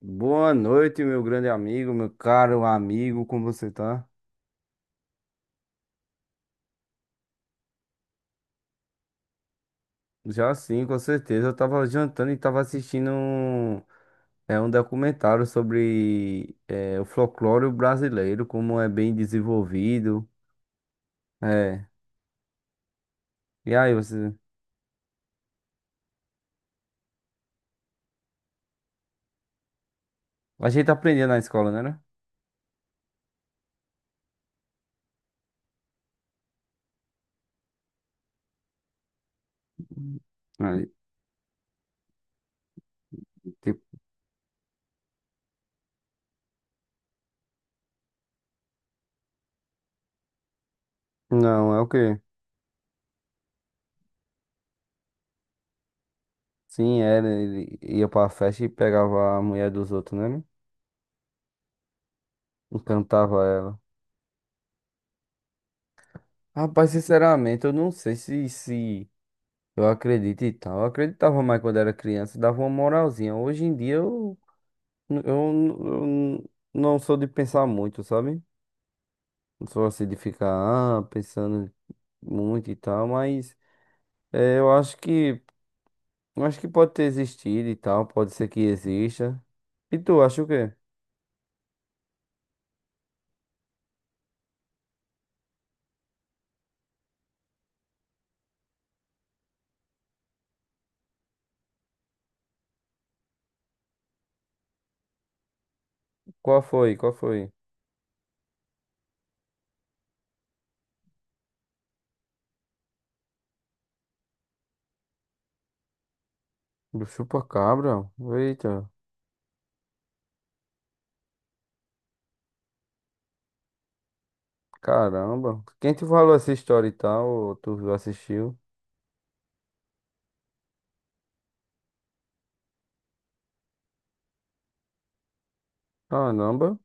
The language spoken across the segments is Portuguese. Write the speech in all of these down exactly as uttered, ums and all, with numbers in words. Boa noite, meu grande amigo, meu caro amigo, como você tá? Já sim, com certeza. Eu tava jantando e tava assistindo um, é, um documentário sobre é, o folclore brasileiro, como é bem desenvolvido. É. E aí, você. A gente aprendia na escola, né? né? Aí, tipo. Não, é o quê? Sim, era. Ele ia pra festa e pegava a mulher dos outros, né? né? E cantava ela. Rapaz, sinceramente, eu não sei se, se Eu acredito e tal. Eu acreditava mais quando era criança, dava uma moralzinha. Hoje em dia eu, eu, eu não sou de pensar muito, sabe? Não sou assim de ficar ah, pensando muito e tal, mas eh, eu acho que eu acho que pode ter existido e tal, pode ser que exista. E tu, acha o quê? Qual foi? Qual foi? Do chupa-cabra? Eita, caramba. Quem te falou essa história e tal? Ou tu assistiu? Caramba.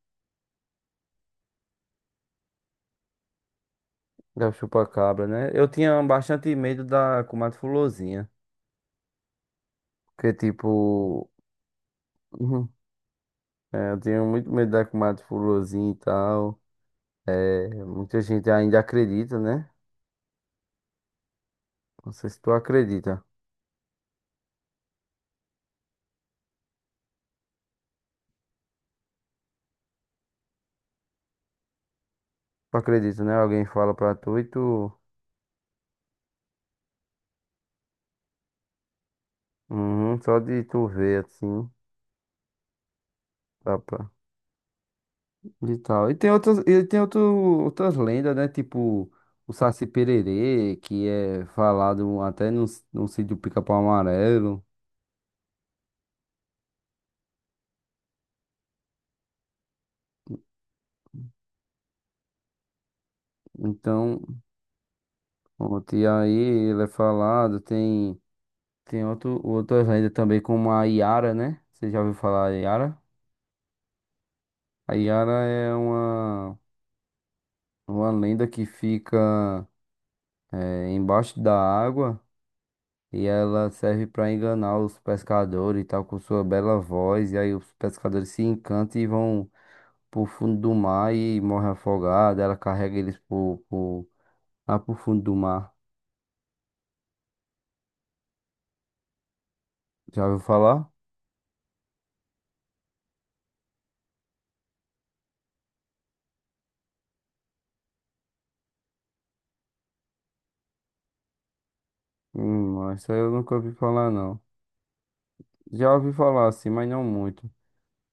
Da chupa-cabra, né? Eu tinha bastante medo da comadre Fulozinha. Porque, tipo. Uhum, é, eu tinha muito medo da comadre Fulozinha e tal. É, muita gente ainda acredita, né? Não sei se tu acredita. Tu acredita, né? Alguém fala pra tu e tu. Uhum, só de tu ver, assim. Dá pra... E tal. E tem outras, e tem outro, outras lendas, né? Tipo. O Saci Pererê, que é falado até no, no sítio Pica-Pau Amarelo. Então. Ontem e aí ele é falado, tem, tem outro, outras lendas também, como a Yara, né? Você já ouviu falar a Yara? A Yara é uma, uma lenda que fica eh, embaixo da água e ela serve para enganar os pescadores e tal, com sua bela voz. E aí os pescadores se encantam e vão pro fundo do mar e morrem afogados. Ela carrega eles pro, pro, lá pro fundo do mar. Já ouviu falar? Hum, essa eu nunca ouvi falar, não. Já ouvi falar assim, mas não muito.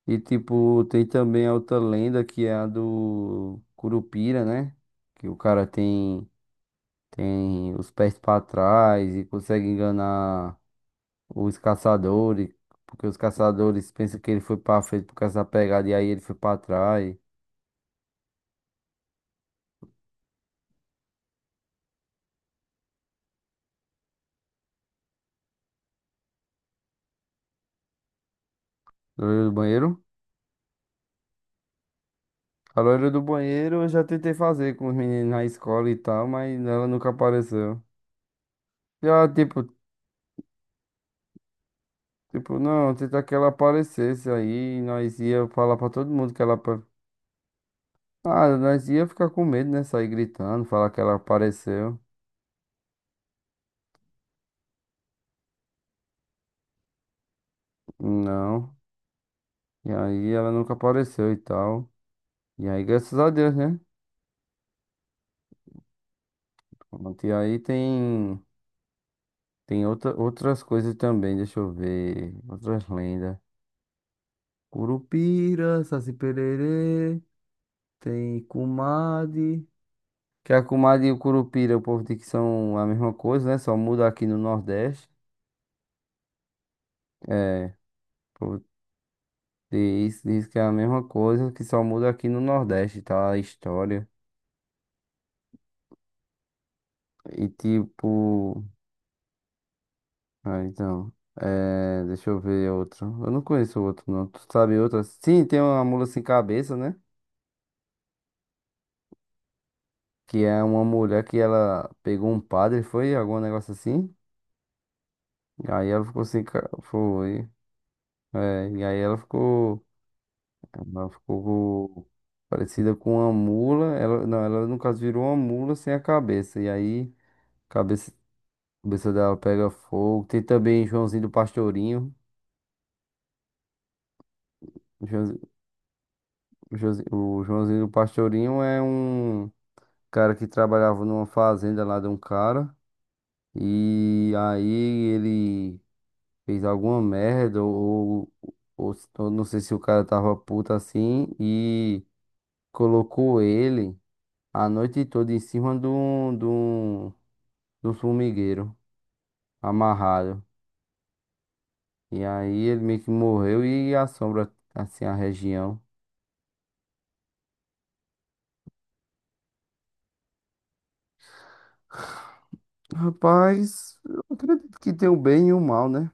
E tipo, tem também a outra lenda que é a do Curupira, né? Que o cara tem tem os pés pra trás e consegue enganar os caçadores, porque os caçadores pensam que ele foi pra frente por causa da pegada e aí ele foi pra trás. Loira do banheiro? A loira do banheiro eu já tentei fazer com os meninos na escola e tal, mas ela nunca apareceu. Já tipo. Tipo, não, tentar que ela aparecesse aí, nós ia falar pra todo mundo que ela. Apa-. Ah, nós ia ficar com medo, né? Sair gritando, falar que ela apareceu. Não. E aí ela nunca apareceu e tal. E aí, graças a Deus, né? Pronto. E aí tem, tem outra, outras coisas também, deixa eu ver. Outras lendas. Curupira, Saci Pererê, tem Kumade. Que a Kumade e o Curupira, o povo diz que são a mesma coisa, né? Só muda aqui no Nordeste. É. Diz, diz que é a mesma coisa, que só muda aqui no Nordeste, tá? A história. E tipo. Ah, então. É, deixa eu ver outro. Eu não conheço outro, não. Tu sabe outra? Sim, tem uma mula sem cabeça, né? Que é uma mulher que ela pegou um padre, foi? Algum negócio assim. E aí ela ficou sem. Ca-. Foi. É, e aí ela ficou. Ela ficou parecida com uma mula. Ela, não, ela no caso virou uma mula sem a cabeça. E aí. Cabeça. Cabeça dela pega fogo. Tem também Joãozinho do Pastorinho. O Joãozi- o Joãozi- o Joãozinho do Pastorinho é um cara que trabalhava numa fazenda lá de um cara. E aí ele fez alguma merda, ou, ou, ou não sei se o cara tava puto assim, e colocou ele a noite toda em cima de um, de um, de um formigueiro, amarrado. E aí ele meio que morreu e assombra assim a região. Rapaz, eu acredito que tem o bem e o mal, né?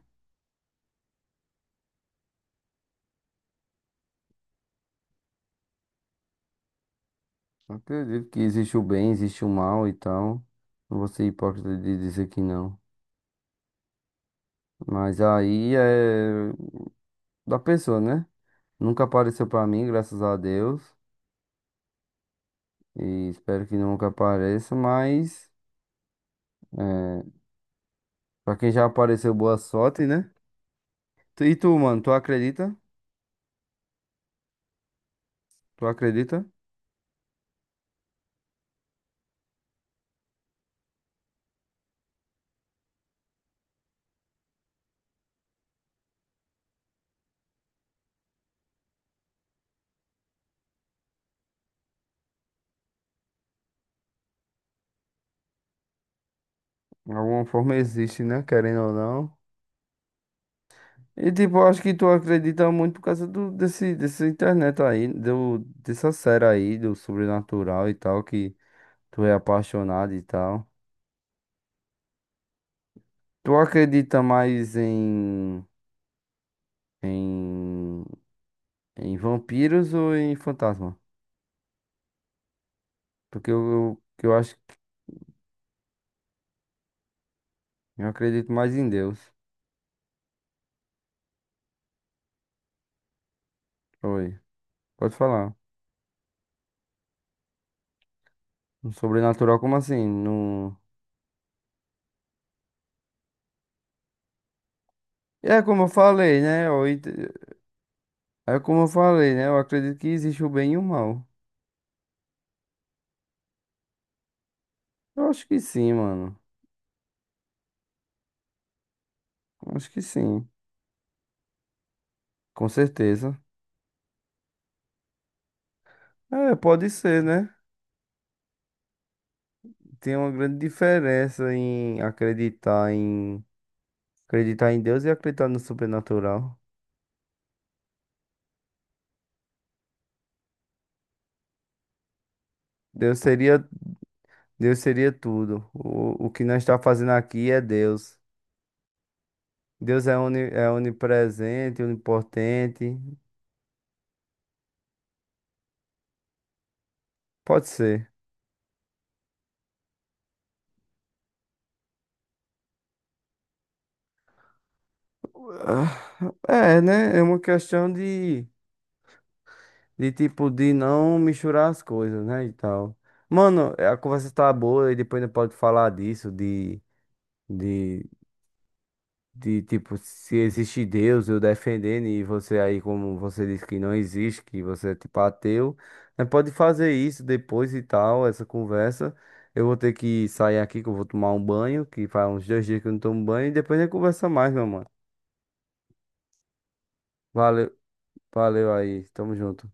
Eu acredito que existe o bem, existe o mal e tal. Não vou ser hipócrita de dizer que não. Mas aí é da pessoa, né? Nunca apareceu pra mim, graças a Deus. E espero que nunca apareça, mas é, pra quem já apareceu, boa sorte, né? Tu- E tu, mano, tu acredita? Tu acredita? De alguma forma existe, né? Querendo ou não. E tipo, eu acho que tu acredita muito por causa do, desse, dessa internet aí, do, dessa série aí, do sobrenatural e tal, que tu é apaixonado e tal. Tu acredita mais em, em, em vampiros ou em fantasma? Porque eu, eu, que eu acho que eu acredito mais em Deus. Oi, pode falar. No sobrenatural, como assim? No... É como eu falei, né? Eu ent- É como eu falei, né? Eu acredito que existe o bem e o mal. Eu acho que sim, mano. Eu acho que sim. Com certeza. É, pode ser, né? Tem uma grande diferença em acreditar em acreditar em Deus e acreditar no sobrenatural. Deus seria, Deus seria tudo. O, o que nós está fazendo aqui é Deus. Deus é, oni, é onipresente, onipotente. Pode ser. Ah, é, né? É uma questão de, de tipo, de não misturar as coisas, né? E tal. Mano, a conversa tá boa e depois não pode falar disso, de. De. De tipo, se existe Deus, eu defendendo, e você aí, como você disse que não existe, que você é tipo ateu, né, pode fazer isso depois e tal, essa conversa. Eu vou ter que sair aqui, que eu vou tomar um banho, que faz uns dois dias que eu não tomo banho, e depois a gente conversa mais, meu mano. Valeu, valeu aí, tamo junto.